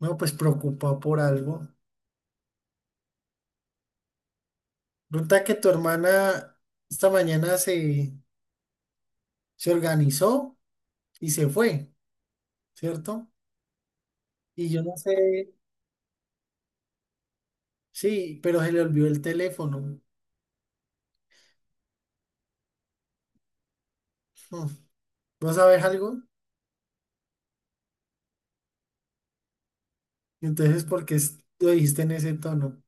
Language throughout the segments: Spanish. No, pues preocupado por algo. Resulta que tu hermana esta mañana se organizó y se fue, ¿cierto? Y yo no sé, sí, pero se le olvidó el teléfono. Hmm. ¿Vos sabés algo? Entonces, ¿por qué lo dijiste en ese tono?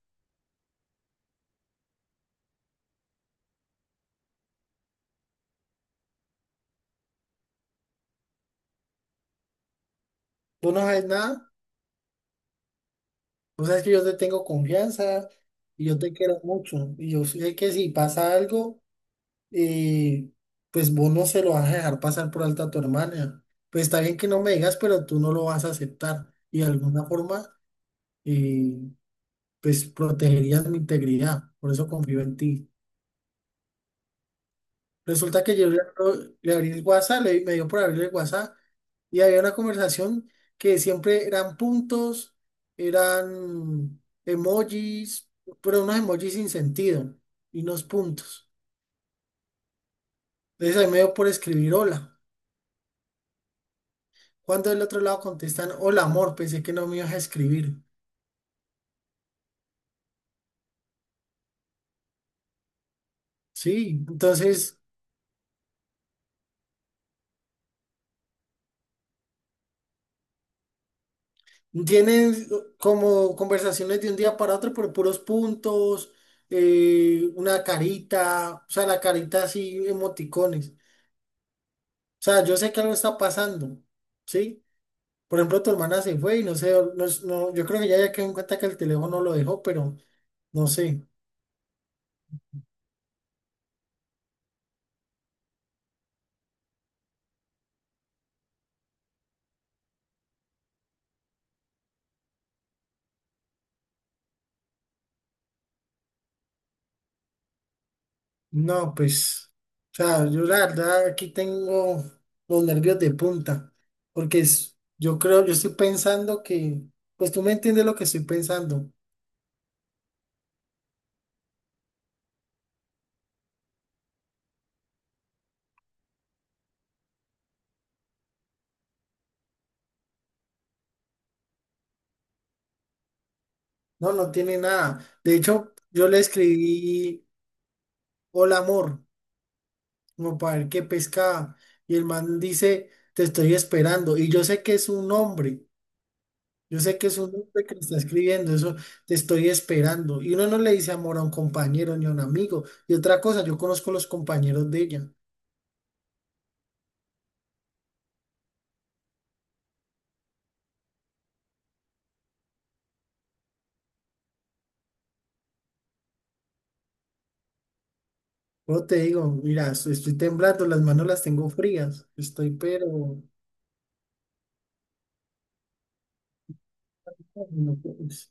¿Tú no sabes nada? O sea, es que yo te tengo confianza y yo te quiero mucho. Y yo sé que si pasa algo, y pues vos no se lo vas a dejar pasar por alto a tu hermana. Pues está bien que no me digas, pero tú no lo vas a aceptar. Y de alguna forma, eh, pues protegerías mi integridad. Por eso confío en ti. Resulta que le abrí el WhatsApp, me dio por abrirle el WhatsApp y había una conversación que siempre eran puntos, eran emojis, pero unos emojis sin sentido y unos puntos. Entonces ahí me dio por escribir hola. Cuando del otro lado contestan, hola amor, pensé que no me ibas a escribir. Sí. Entonces, tienen como conversaciones de un día para otro por puros puntos, una carita, o sea, la carita así, emoticones. O sea, yo sé que algo está pasando, ¿sí? Por ejemplo, tu hermana se fue y no sé, no, yo creo que ya quedó en cuenta que el teléfono lo dejó, pero no sé. No, pues, o sea, yo la verdad aquí tengo los nervios de punta, porque yo creo, yo estoy pensando que, pues tú me entiendes lo que estoy pensando. No, no tiene nada. De hecho, yo le escribí hola amor, como para ver qué pescaba, y el man dice, te estoy esperando, y yo sé que es un hombre, yo sé que es un hombre que le está escribiendo eso, te estoy esperando, y uno no le dice amor a un compañero ni a un amigo, y otra cosa, yo conozco los compañeros de ella. Yo te digo, mira, estoy temblando, las manos las tengo frías, estoy pero no, pues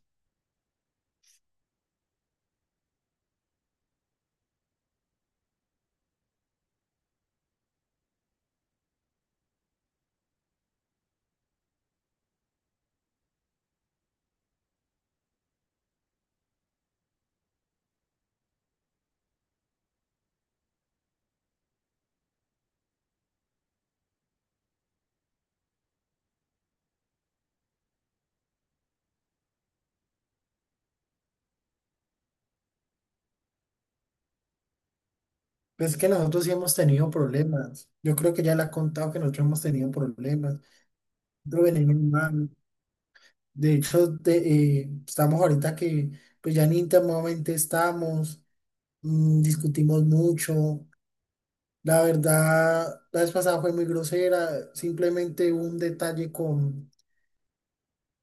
es que nosotros sí hemos tenido problemas, yo creo que ya le ha contado que nosotros hemos tenido problemas, nosotros venimos mal, de hecho estamos ahorita que pues ya ni íntimamente estamos, mm, discutimos mucho. La verdad la vez pasada fue muy grosera, simplemente hubo un detalle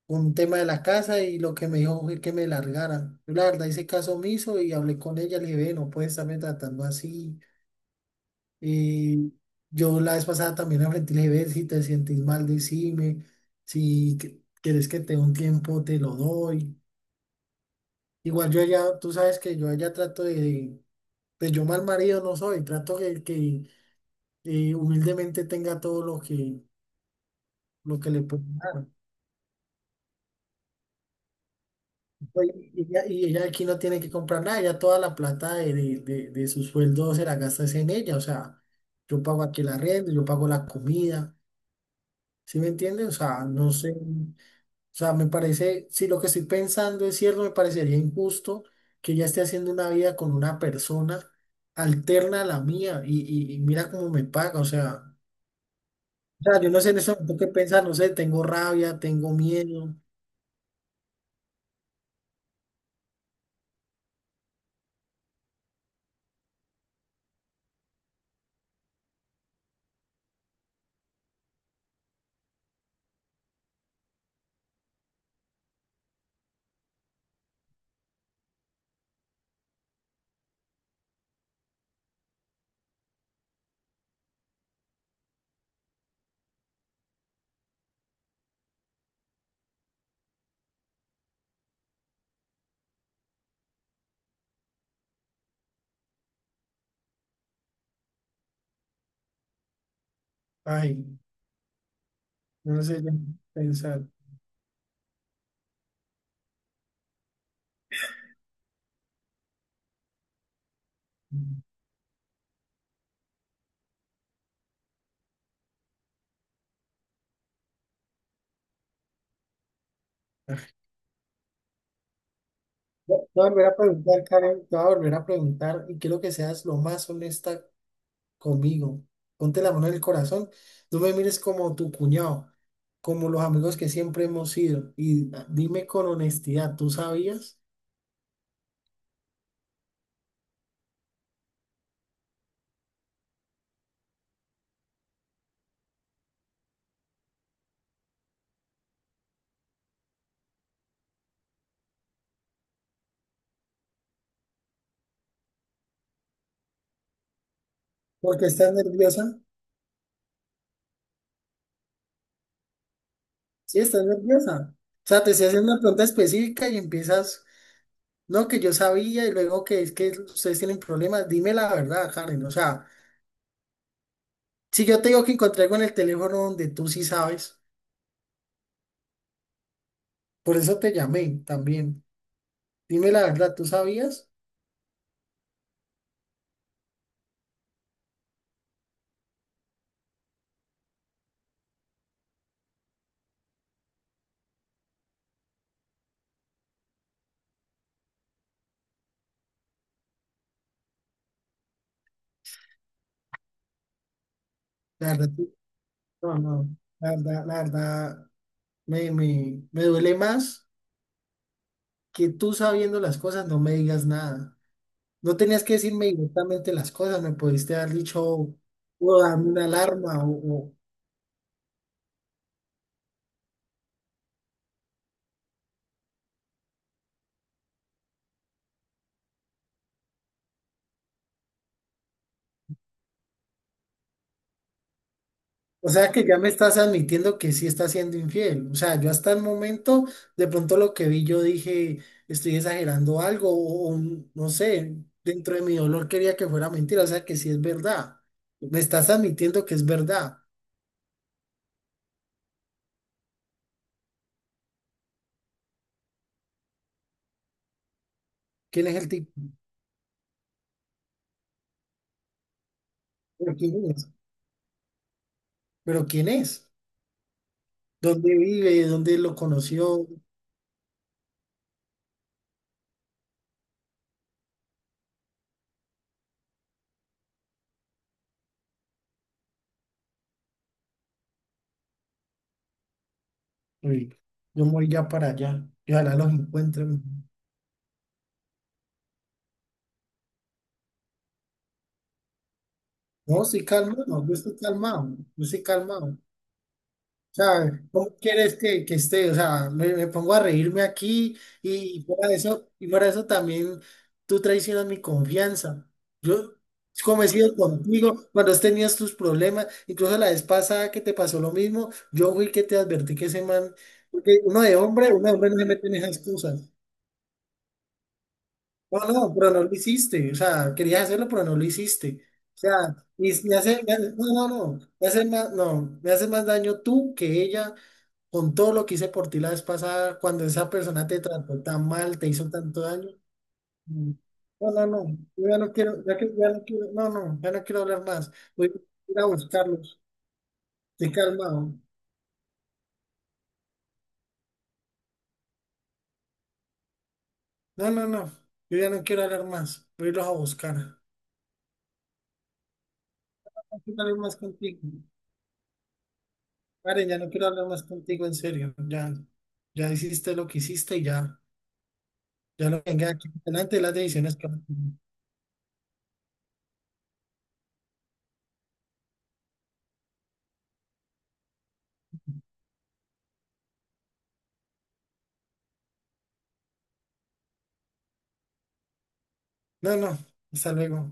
un tema de la casa y lo que me dijo fue que me largara. Yo la verdad hice caso omiso y hablé con ella, le dije, ve, no puedes estarme tratando así. Y yo la vez pasada también la frente y le dije, ve, si te sientes mal, decime, si quieres que te dé un tiempo, te lo doy. Igual yo allá, tú sabes que yo allá de yo mal marido no soy, trato que, que humildemente tenga todo lo que le puedo dar. Oye, y ella aquí no tiene que comprar nada, ella toda la plata de su sueldo se la gasta es en ella, o sea, yo pago aquí la renta, yo pago la comida, ¿sí me entiendes? O sea, no sé, o sea, me parece, si lo que estoy pensando es cierto, me parecería injusto que ella esté haciendo una vida con una persona alterna a la mía, y mira cómo me paga, o sea, yo no sé, en eso tengo que pensar, no sé, tengo rabia, tengo miedo, ay, no sé qué pensar. Te voy a volver a preguntar, Karen, te voy a volver a preguntar y quiero que seas lo más honesta conmigo. Ponte la mano en el corazón. No me mires como tu cuñado, como los amigos que siempre hemos sido. Y dime con honestidad, ¿tú sabías? ¿Por qué estás nerviosa? Sí, estás nerviosa. O sea, te estoy haciendo una pregunta específica y empiezas, no, que yo sabía y luego que es que ustedes tienen problemas. Dime la verdad, Karen. O sea, si yo te digo que encontré algo en el teléfono donde tú sí sabes, por eso te llamé también. Dime la verdad, ¿tú sabías? La verdad, tú- no, no, la verdad, me duele más que tú sabiendo las cosas no me digas nada. No tenías que decirme directamente las cosas, me pudiste haber dicho o darme una alarma o, o sea que ya me estás admitiendo que sí estás siendo infiel. O sea, yo hasta el momento, de pronto lo que vi, yo dije, estoy exagerando algo o no sé, dentro de mi dolor quería que fuera mentira, o sea que sí es verdad. Me estás admitiendo que es verdad. ¿Quién es el tipo? ¿Pero quién es? ¿Pero quién es? ¿Dónde vive? ¿Dónde lo conoció? Uy, yo me voy ya para allá. Y ojalá los encuentren. No, sí, calmado. Yo estoy calmado. Yo estoy calmado. Sea, ¿cómo quieres que esté? O sea, me pongo a reírme aquí y para eso también tú traicionas mi confianza. Yo como he sido contigo cuando has tenido tus problemas, incluso la vez pasada que te pasó lo mismo, yo fui el que te advertí que ese man, porque uno de hombre no se mete en esas cosas. No, no, pero no lo hiciste, o sea, querías hacerlo, pero no lo hiciste. O sea, no, no, no, me hace más, no, me hace más daño tú que ella con todo lo que hice por ti la vez pasada, cuando esa persona te trató tan mal, te hizo tanto daño. Mm, No, no, no, yo ya no quiero, ya, ya no quiero, no, no, ya no quiero hablar más. Voy a ir a buscarlos, estoy calmado. No, no, no, yo ya no quiero hablar más, voy a irlos a buscar. No quiero hablar más contigo. Karen, ya no quiero hablar más contigo, en serio. Ya, ya hiciste lo que hiciste y ya, ya lo venga aquí delante de las decisiones que vas a tomar. No, no, hasta luego.